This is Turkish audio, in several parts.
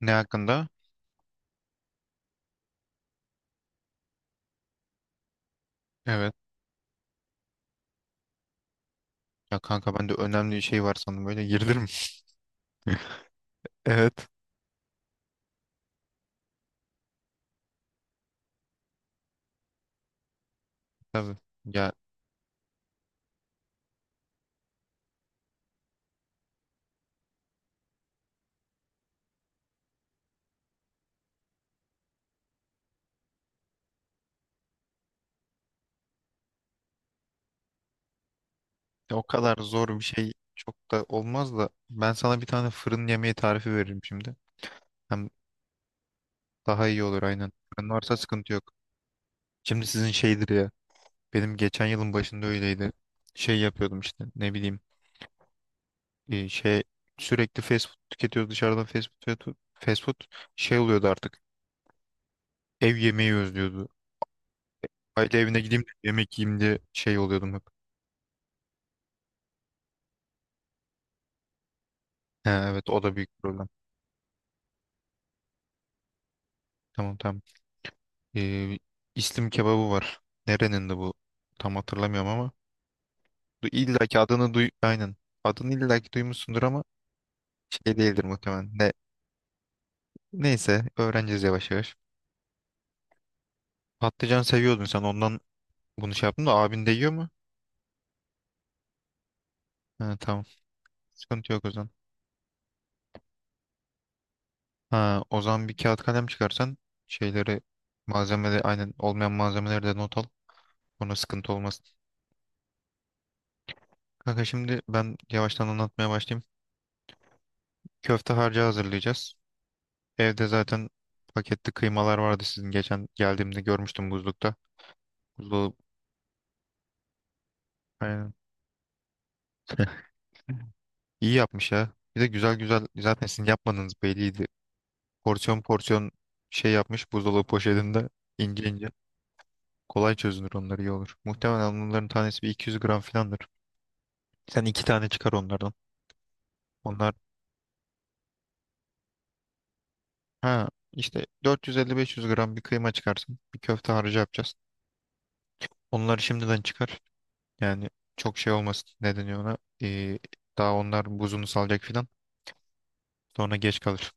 Ne hakkında? Evet. Ya kanka ben de önemli bir şey var sandım. Böyle girdim. Evet. Tabii. Ya o kadar zor bir şey çok da olmaz da ben sana bir tane fırın yemeği tarifi veririm şimdi. Hem daha iyi olur aynen. Fırın varsa sıkıntı yok. Şimdi sizin şeydir ya. Benim geçen yılın başında öyleydi. Şey yapıyordum işte ne bileyim şey sürekli fast food tüketiyoruz dışarıdan fast food fast food fast food. Şey oluyordu artık. Ev yemeği özlüyordu. Aile evine gideyim de yemek yiyeyim diye şey oluyordum hep. Ha, evet o da büyük problem. Tamam tamam. Ee, İslim kebabı var. Nerenin de bu? Tam hatırlamıyorum ama. Du illa ki adını duy... Aynen. Adını illa ki duymuşsundur ama şey değildir muhtemelen. Neyse öğreneceğiz yavaş yavaş. Patlıcan seviyordun sen ondan bunu şey yaptın da abin de yiyor mu? Ha, tamam. Sıkıntı yok o zaman. Ha, o zaman bir kağıt kalem çıkarsan şeyleri malzemeleri aynen olmayan malzemeleri de not al. Ona sıkıntı olmaz. Kanka şimdi ben yavaştan anlatmaya başlayayım. Köfte harcı hazırlayacağız. Evde zaten paketli kıymalar vardı sizin, geçen geldiğimde görmüştüm buzlukta. Buzluğu aynen. İyi yapmış ya. Bir de güzel güzel zaten sizin yapmadığınız belliydi. Porsiyon porsiyon şey yapmış buzdolabı poşetinde ince ince. Kolay çözünür onlar, iyi olur. Muhtemelen onların tanesi bir 200 gram filandır. Sen iki tane çıkar onlardan. Onlar ha işte 450-500 gram bir kıyma çıkarsın. Bir köfte harcı yapacağız. Onları şimdiden çıkar. Yani çok şey olmasın. Ne deniyor ona? Ee, daha onlar buzunu salacak filan. Sonra geç kalır.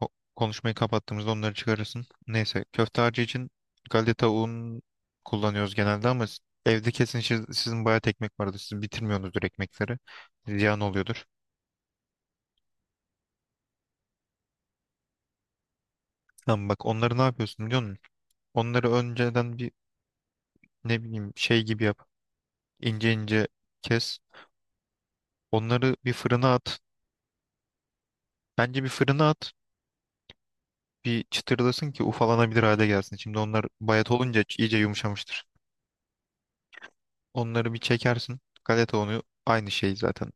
O, konuşmayı kapattığımızda onları çıkarırsın. Neyse köfte harcı için galeta un kullanıyoruz genelde ama evde kesin sizin bayağı ekmek vardır. Siz bitirmiyorsunuzdur ekmekleri. Ziyan oluyordur. Tamam, bak onları ne yapıyorsun biliyor musun? Onları önceden bir ne bileyim şey gibi yap. İnce ince kes. Onları bir fırına at. Bence bir fırına at. Bir çıtırlasın ki ufalanabilir hale gelsin. Şimdi onlar bayat olunca iyice yumuşamıştır. Onları bir çekersin. Galeta unu aynı şey zaten.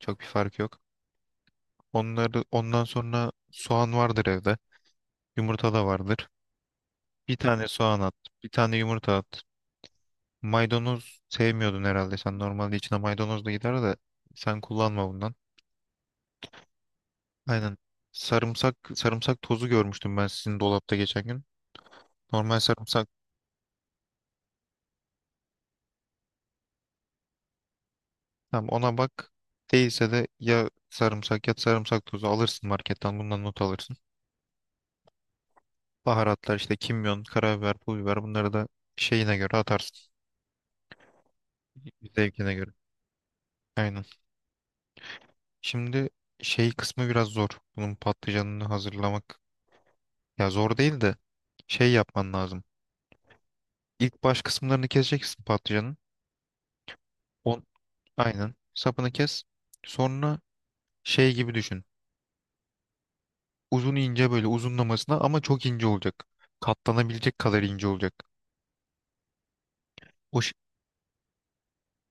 Çok bir fark yok. Onları ondan sonra soğan vardır evde. Yumurta da vardır. Bir tane soğan at, bir tane yumurta at. Maydanoz sevmiyordun herhalde. Sen normalde içine maydanoz da gider de sen kullanma bundan. Aynen. Sarımsak sarımsak tozu görmüştüm ben sizin dolapta geçen gün. Normal sarımsak. Tamam, ona bak. Değilse de ya sarımsak ya sarımsak tozu alırsın marketten, bundan not alırsın. Baharatlar işte kimyon, karabiber, pul biber, bunları da şeyine göre atarsın. Zevkine göre. Aynen. Şimdi şey kısmı biraz zor. Bunun patlıcanını hazırlamak. Ya zor değil de şey yapman lazım. İlk baş kısımlarını keseceksin patlıcanın. On, aynen. Sapını kes. Sonra şey gibi düşün. Uzun ince böyle uzunlamasına ama çok ince olacak. Katlanabilecek kadar ince olacak. O, ş-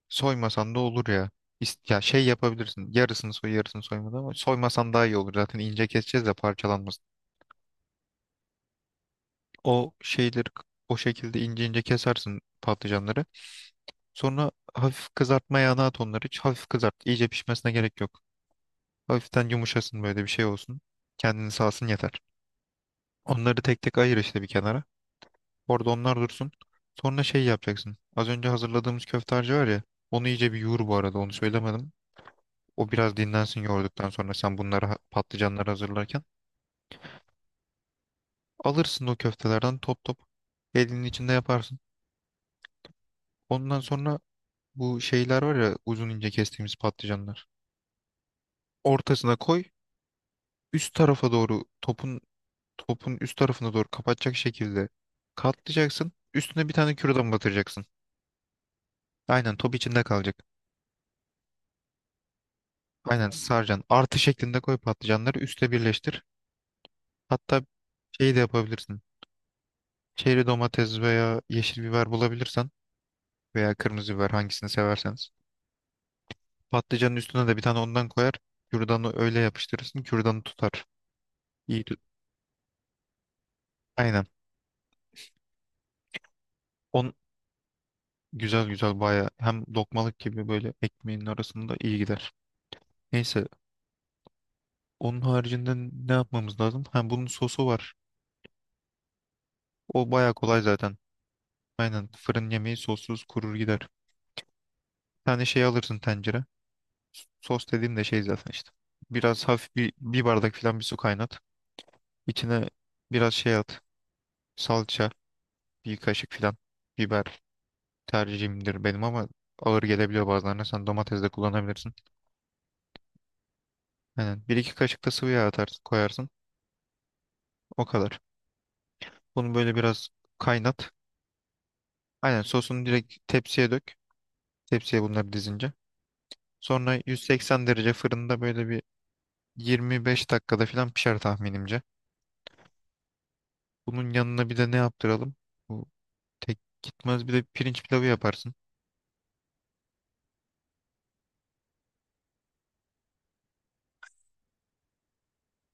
Soymasan da olur ya. Ya şey yapabilirsin. Yarısını soy, yarısını soymadan ama soymasan daha iyi olur. Zaten ince keseceğiz de parçalanmasın. O şeyleri k- O şekilde ince ince kesersin patlıcanları. Sonra hafif kızartma yağına at onları. Hiç hafif kızart. İyice pişmesine gerek yok. Hafiften yumuşasın, böyle bir şey olsun. Kendini sağsın yeter. Onları tek tek ayır işte bir kenara. Orada onlar dursun. Sonra şey yapacaksın. Az önce hazırladığımız köfte harcı var ya. Onu iyice bir yoğur bu arada. Onu söylemedim. O biraz dinlensin yoğurduktan sonra, sen bunları patlıcanları hazırlarken alırsın o köftelerden, top top elinin içinde yaparsın. Ondan sonra bu şeyler var ya, uzun ince kestiğimiz patlıcanlar. Ortasına koy, üst tarafa doğru topun üst tarafına doğru kapatacak şekilde katlayacaksın. Üstüne bir tane kürdan batıracaksın. Aynen, top içinde kalacak. Aynen saracaksın. Artı şeklinde koy patlıcanları, üste birleştir. Hatta şeyi de yapabilirsin. Çeri domates veya yeşil biber bulabilirsen veya kırmızı biber, hangisini severseniz. Patlıcanın üstüne de bir tane ondan koyar. Kürdanı öyle yapıştırırsın. Kürdanı tutar. İyi tut. Aynen. On güzel güzel baya, hem lokmalık gibi böyle ekmeğin arasında iyi gider. Neyse, onun haricinde ne yapmamız lazım? Ha, bunun sosu var. O baya kolay zaten. Aynen, fırın yemeği sossuz kurur gider. Bir tane şey alırsın, tencere. Sos dediğim de şey zaten işte. Biraz hafif bir bardak falan bir su kaynat. İçine biraz şey at. Salça, bir kaşık falan, biber tercihimdir benim ama ağır gelebiliyor bazılarına. Sen domates de kullanabilirsin. Aynen. Bir iki kaşık da sıvı yağ atarsın, koyarsın. O kadar. Bunu böyle biraz kaynat. Aynen, sosunu direkt tepsiye dök. Tepsiye bunları dizince. Sonra 180 derece fırında böyle bir 25 dakikada falan pişer tahminimce. Bunun yanına bir de ne yaptıralım? Bu tek gitmez, bir de pirinç pilavı yaparsın.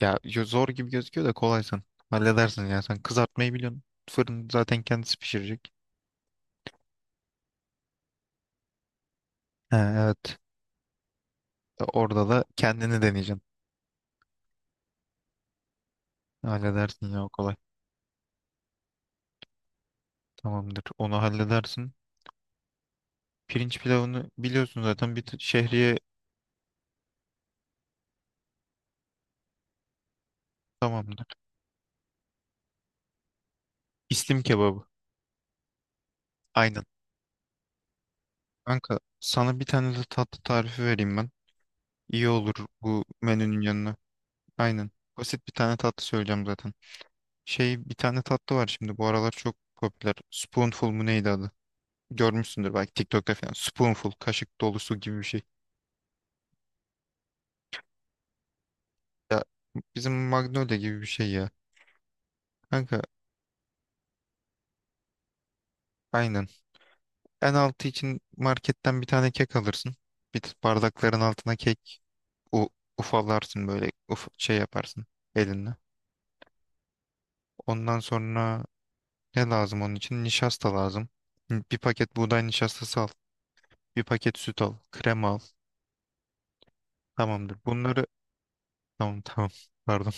Ya zor gibi gözüküyor da kolaysın. Halledersin ya, sen kızartmayı biliyorsun. Fırın zaten kendisi pişirecek. Ha, evet. Orada da kendini deneyeceksin. Halledersin ya, o kolay. Tamamdır. Onu halledersin. Pirinç pilavını biliyorsun zaten. Bir şehriye tamamdır. İslim kebabı. Aynen. Kanka sana bir tane de tatlı tarifi vereyim ben. İyi olur bu menünün yanına. Aynen. Basit bir tane tatlı söyleyeceğim zaten. Şey, bir tane tatlı var şimdi bu aralar çok popüler. Spoonful mu neydi adı? Görmüşsündür belki TikTok'ta falan. Spoonful, kaşık dolusu gibi bir şey. Bizim Magnolia gibi bir şey ya. Kanka aynen. En altı için marketten bir tane kek alırsın. Bir bardakların altına kek u- ufalarsın böyle, şey yaparsın elinle. Ondan sonra ne lazım onun için? Nişasta lazım. Bir paket buğday nişastası al. Bir paket süt al. Krema al. Tamamdır. Bunları tamam tamam pardon.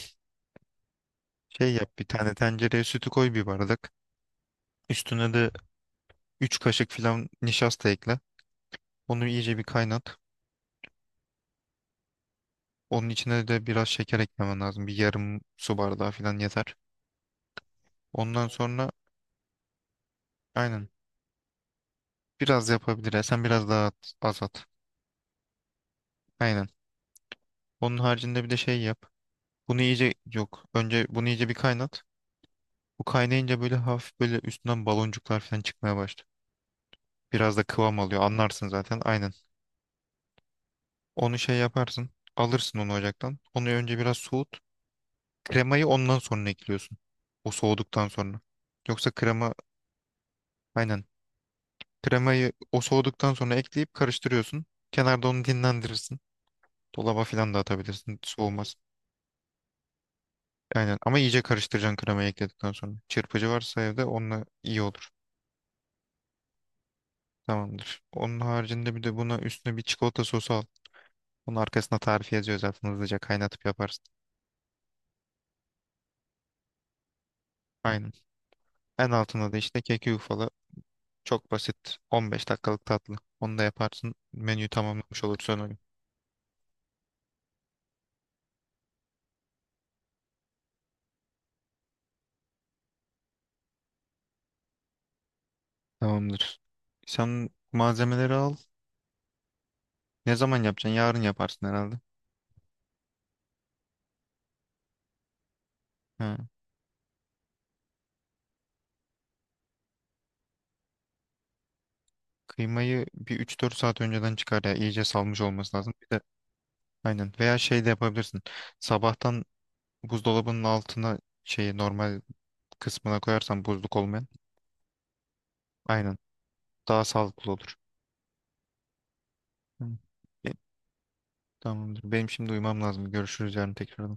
Şey yap, bir tane tencereye sütü koy, bir bardak. Üstüne de 3 kaşık falan nişasta ekle. Onu iyice bir kaynat. Onun içine de biraz şeker eklemen lazım. Bir yarım su bardağı falan yeter. Ondan sonra. Aynen. Biraz yapabilir ya. Sen biraz daha az at. Aynen. Onun haricinde bir de şey yap. Bunu iyice, yok, önce bunu iyice bir kaynat. Bu kaynayınca böyle hafif, böyle üstünden baloncuklar falan çıkmaya başlıyor. Biraz da kıvam alıyor. Anlarsın zaten. Aynen. Onu şey yaparsın. Alırsın onu ocaktan. Onu önce biraz soğut. Kremayı ondan sonra ekliyorsun. O soğuduktan sonra. Yoksa krema, aynen. Kremayı o soğuduktan sonra ekleyip karıştırıyorsun. Kenarda onu dinlendirirsin. Dolaba falan da atabilirsin. Soğumaz. Aynen, ama iyice karıştıracaksın kremayı ekledikten sonra. Çırpıcı varsa evde onunla iyi olur. Tamamdır. Onun haricinde bir de buna, üstüne bir çikolata sosu al. Onun arkasına tarifi yazıyor zaten, hızlıca kaynatıp yaparsın. Aynen. En altında da işte keki yufala. Çok basit, 15 dakikalık tatlı. Onu da yaparsın. Menüyü tamamlamış olursun o gün. Tamamdır. Sen malzemeleri al. Ne zaman yapacaksın? Yarın yaparsın herhalde. Ha. Kıymayı bir 3-4 saat önceden çıkar ya. İyice salmış olması lazım. Bir de, aynen. Veya şey de yapabilirsin. Sabahtan buzdolabının altına, şeyi normal kısmına koyarsan, buzluk olmayan, aynen, daha sağlıklı olur. Hı. E, Tamamdır. Benim şimdi uyumam lazım. Görüşürüz yarın tekrar.